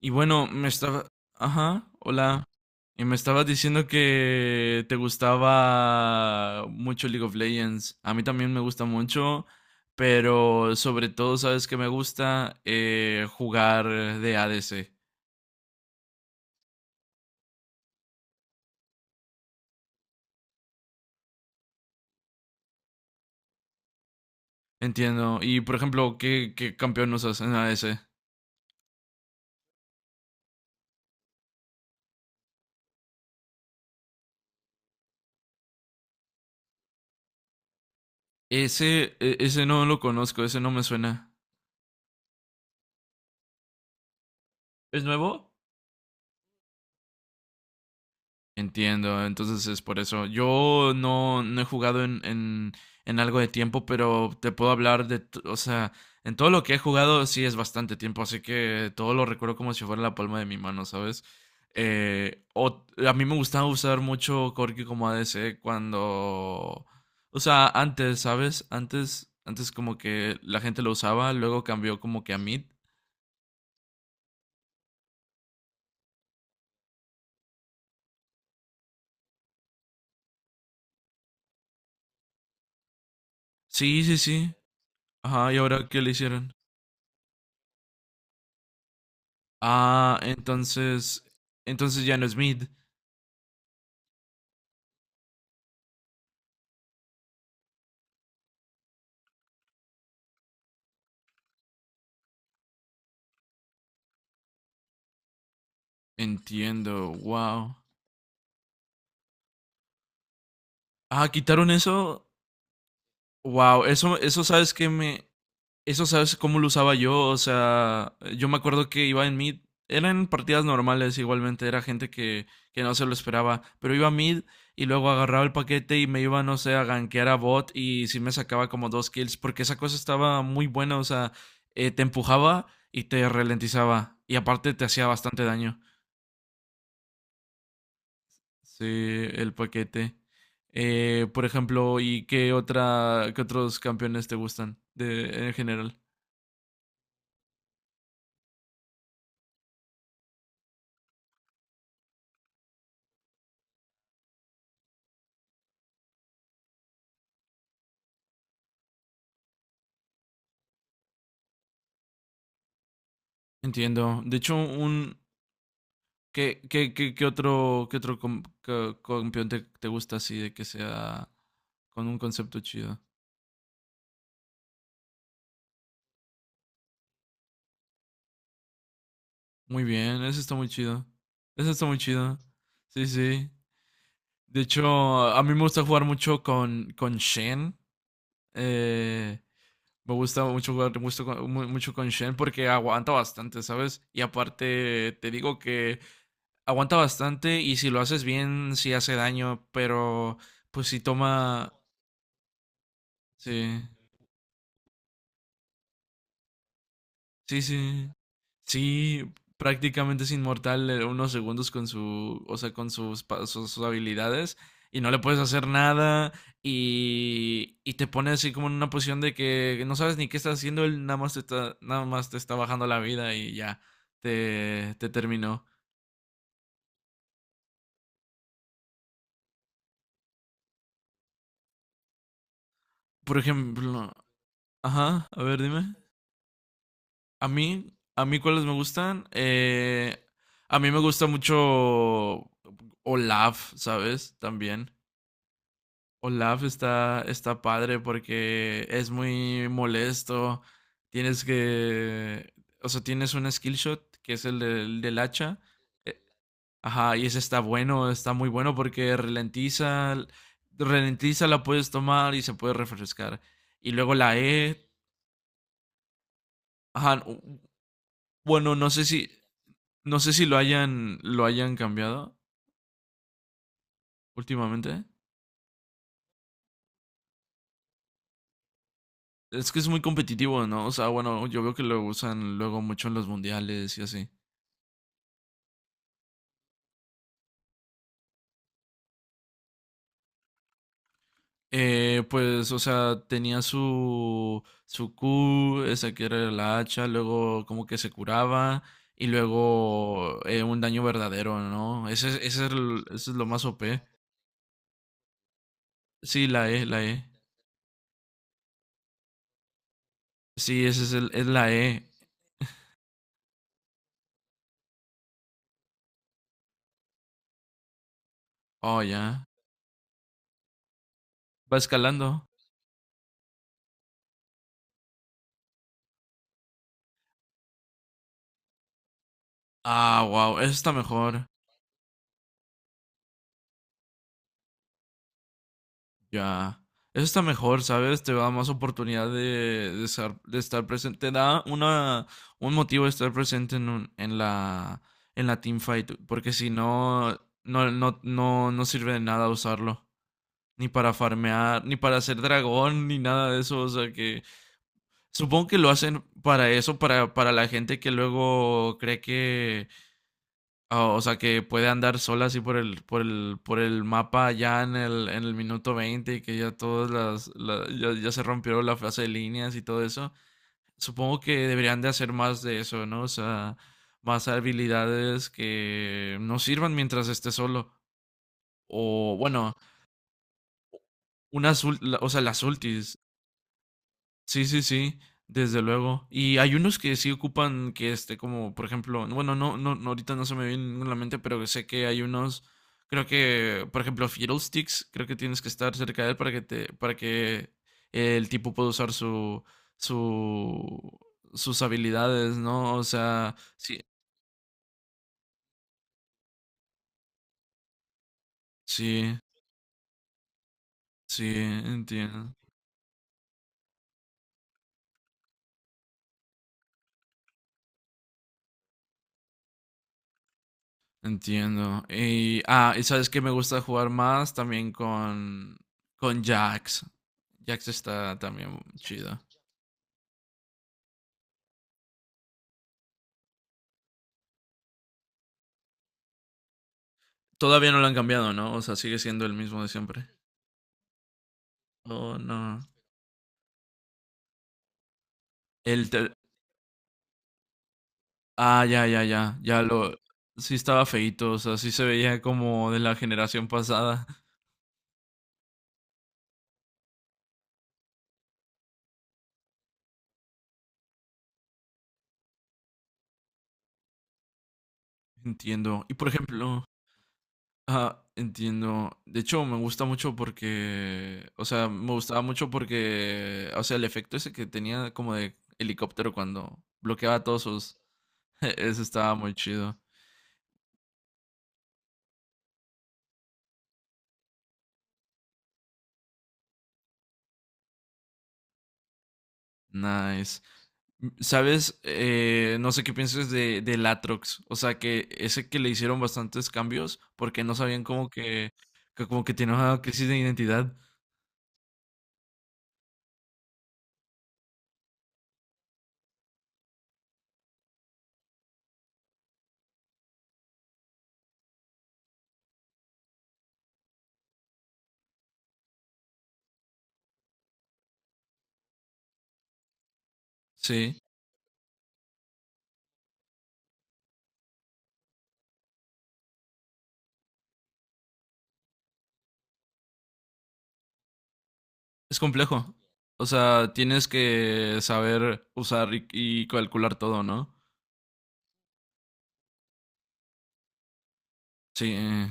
Y bueno, Ajá, hola. Y me estabas diciendo que te gustaba mucho League of Legends. A mí también me gusta mucho, pero sobre todo, ¿sabes que me gusta? Jugar de ADC. Entiendo. Y por ejemplo, qué campeón usas en ADC? Ese no lo conozco, ese no me suena. ¿Es nuevo? Entiendo, entonces es por eso. Yo no, No he jugado en algo de tiempo, pero te puedo hablar o sea, en todo lo que he jugado sí es bastante tiempo, así que todo lo recuerdo como si fuera la palma de mi mano, ¿sabes? A mí me gustaba usar mucho Corki como ADC cuando, o sea, antes, ¿sabes? Antes como que la gente lo usaba, luego cambió como que a mid. Sí, sí, sí. Ajá, ¿y ahora qué le hicieron? Ah, entonces, entonces ya no es mid. Entiendo, wow. Ah, quitaron eso. Wow, eso sabes que me, eso sabes cómo lo usaba yo. O sea, yo me acuerdo que iba en mid. Eran partidas normales igualmente, era gente que no se lo esperaba. Pero iba a mid y luego agarraba el paquete y me iba, no sé, a gankear a bot y sí me sacaba como dos kills. Porque esa cosa estaba muy buena, o sea, te empujaba y te ralentizaba. Y aparte te hacía bastante daño. Sí, el paquete. Por ejemplo, ¿y qué otra, qué otros campeones te gustan de, en general? Entiendo. De hecho, un qué otro, campeón te gusta así de que sea con un concepto chido? Muy bien, eso está muy chido. Eso está muy chido. Sí, sí. De hecho, a mí me gusta jugar mucho con Shen. eh, Me gusta mucho jugar mucho mucho con Shen porque aguanta bastante, ¿sabes? Y aparte te digo que aguanta bastante y si lo haces bien, sí hace daño, pero pues si toma... Sí. Sí, sí. Sí, prácticamente es inmortal unos segundos con su, o sea, con sus, pa- sus, sus habilidades y no le puedes hacer nada y te pone así como en una posición de que no sabes ni qué estás haciendo, él nada más te está, nada más te está bajando la vida y ya te terminó. Por ejemplo, ajá, a ver, dime. ¿A mí, a mí cuáles me gustan? A mí me gusta mucho Olaf, ¿sabes? También. Olaf está, está padre porque es muy molesto. Tienes que. O sea, tienes un skill shot que es el del hacha. Eh, Ajá, y ese está bueno, está muy bueno porque ralentiza. Ralentiza, la puedes tomar y se puede refrescar. Y luego la E. Ajá, u- bueno, no sé si. No sé si lo hayan, lo hayan cambiado últimamente. Es que es muy competitivo, ¿no? O sea, bueno, yo veo que lo usan luego mucho en los mundiales y así. Pues, o sea, tenía su, su Q, esa que era la hacha, luego como que se curaba y luego un daño verdadero, ¿no? Ese es el- ese es lo más OP. Sí, la E. Sí, ese es, el, es la E. Oh, ya. Va escalando. Ah, wow, eso está mejor. Ya. Eso está mejor, ¿sabes? Te da más oportunidad de estar presente. Te da una, un motivo de estar presente en, un- en la teamfight. Porque si no, no, no, no, no sirve de nada usarlo. Ni para farmear, ni para hacer dragón, ni nada de eso. O sea que supongo que lo hacen para eso, para la gente que luego cree que Oh, o sea, que puede andar sola así por el mapa ya en el minuto 20 y que ya todas las, la- ya, ya se rompió la fase de líneas y todo eso. Supongo que deberían de hacer más de eso, ¿no? O sea, más habilidades que no sirvan mientras esté solo. O bueno, unas, ul- la- o sea, las ultis. Sí, sí, sí, desde luego. Y hay unos que sí ocupan que este, como por ejemplo, bueno, no, no, no, ahorita no se me viene ninguno a la mente, pero sé que hay unos, creo que, por ejemplo, Fiddlesticks, creo que tienes que estar cerca de él para que te, para que el tipo pueda usar su, su, sus habilidades, ¿no? O sea, sí, sí, sí, entiendo. Entiendo. Y, ah, y sabes que me gusta jugar más también con Jax. Jax está también chido. Todavía no lo han cambiado, ¿no? O sea, sigue siendo el mismo de siempre. Oh, no. El ter- Ah, ya, ya, ya. Ya lo. Sí estaba feíto, o sea, sí se veía como de la generación pasada. Entiendo. Y por ejemplo. Ah, entiendo. De hecho, me gusta mucho porque, o sea, me gustaba mucho porque, o sea, el efecto ese que tenía como de helicóptero cuando bloqueaba todos sus, eso estaba muy chido. Nice. M- ¿Sabes? No sé qué piensas de Latrox. O sea, que ese que le hicieron bastantes cambios porque no sabían como que como que tenía una crisis de identidad. Sí. Es complejo. O sea, tienes que saber usar y calcular todo, ¿no? Sí.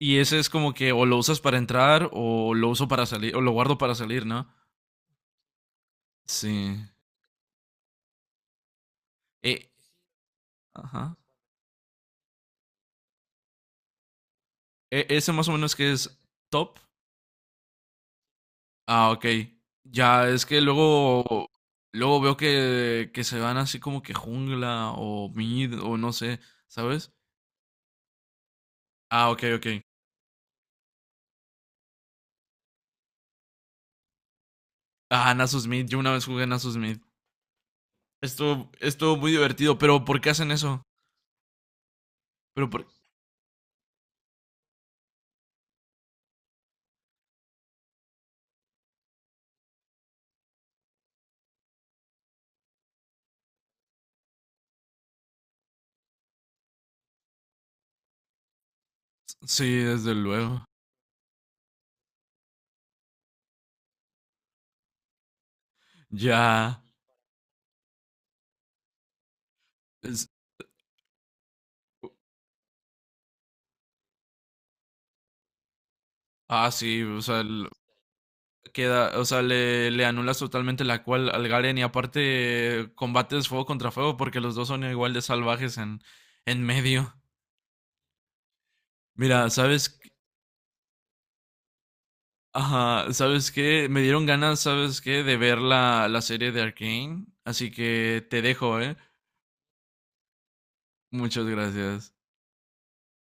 Y ese es como que o lo usas para entrar o lo uso para salir, o lo guardo para salir, ¿no? Sí. Eh, ajá. E- ese más o menos que es top. Ah, ok. Ya es que luego, luego veo que se van así como que jungla o mid o no sé, ¿sabes? Ah, ok, ok. Ah, Nasus Mid. Yo una vez jugué Nasus Mid. Estuvo, estuvo muy divertido, pero ¿por qué hacen eso? Pero por... Sí, desde luego. Ya. Es- Ah, sí, o sea, queda, o sea, le anulas totalmente la cual al Garen y aparte combates fuego contra fuego porque los dos son igual de salvajes en medio. Mira, ¿sabes qué? Ajá, ¿sabes qué? Me dieron ganas, ¿sabes qué? De ver la, la serie de arcane así que te dejo, ¿eh? Muchas gracias.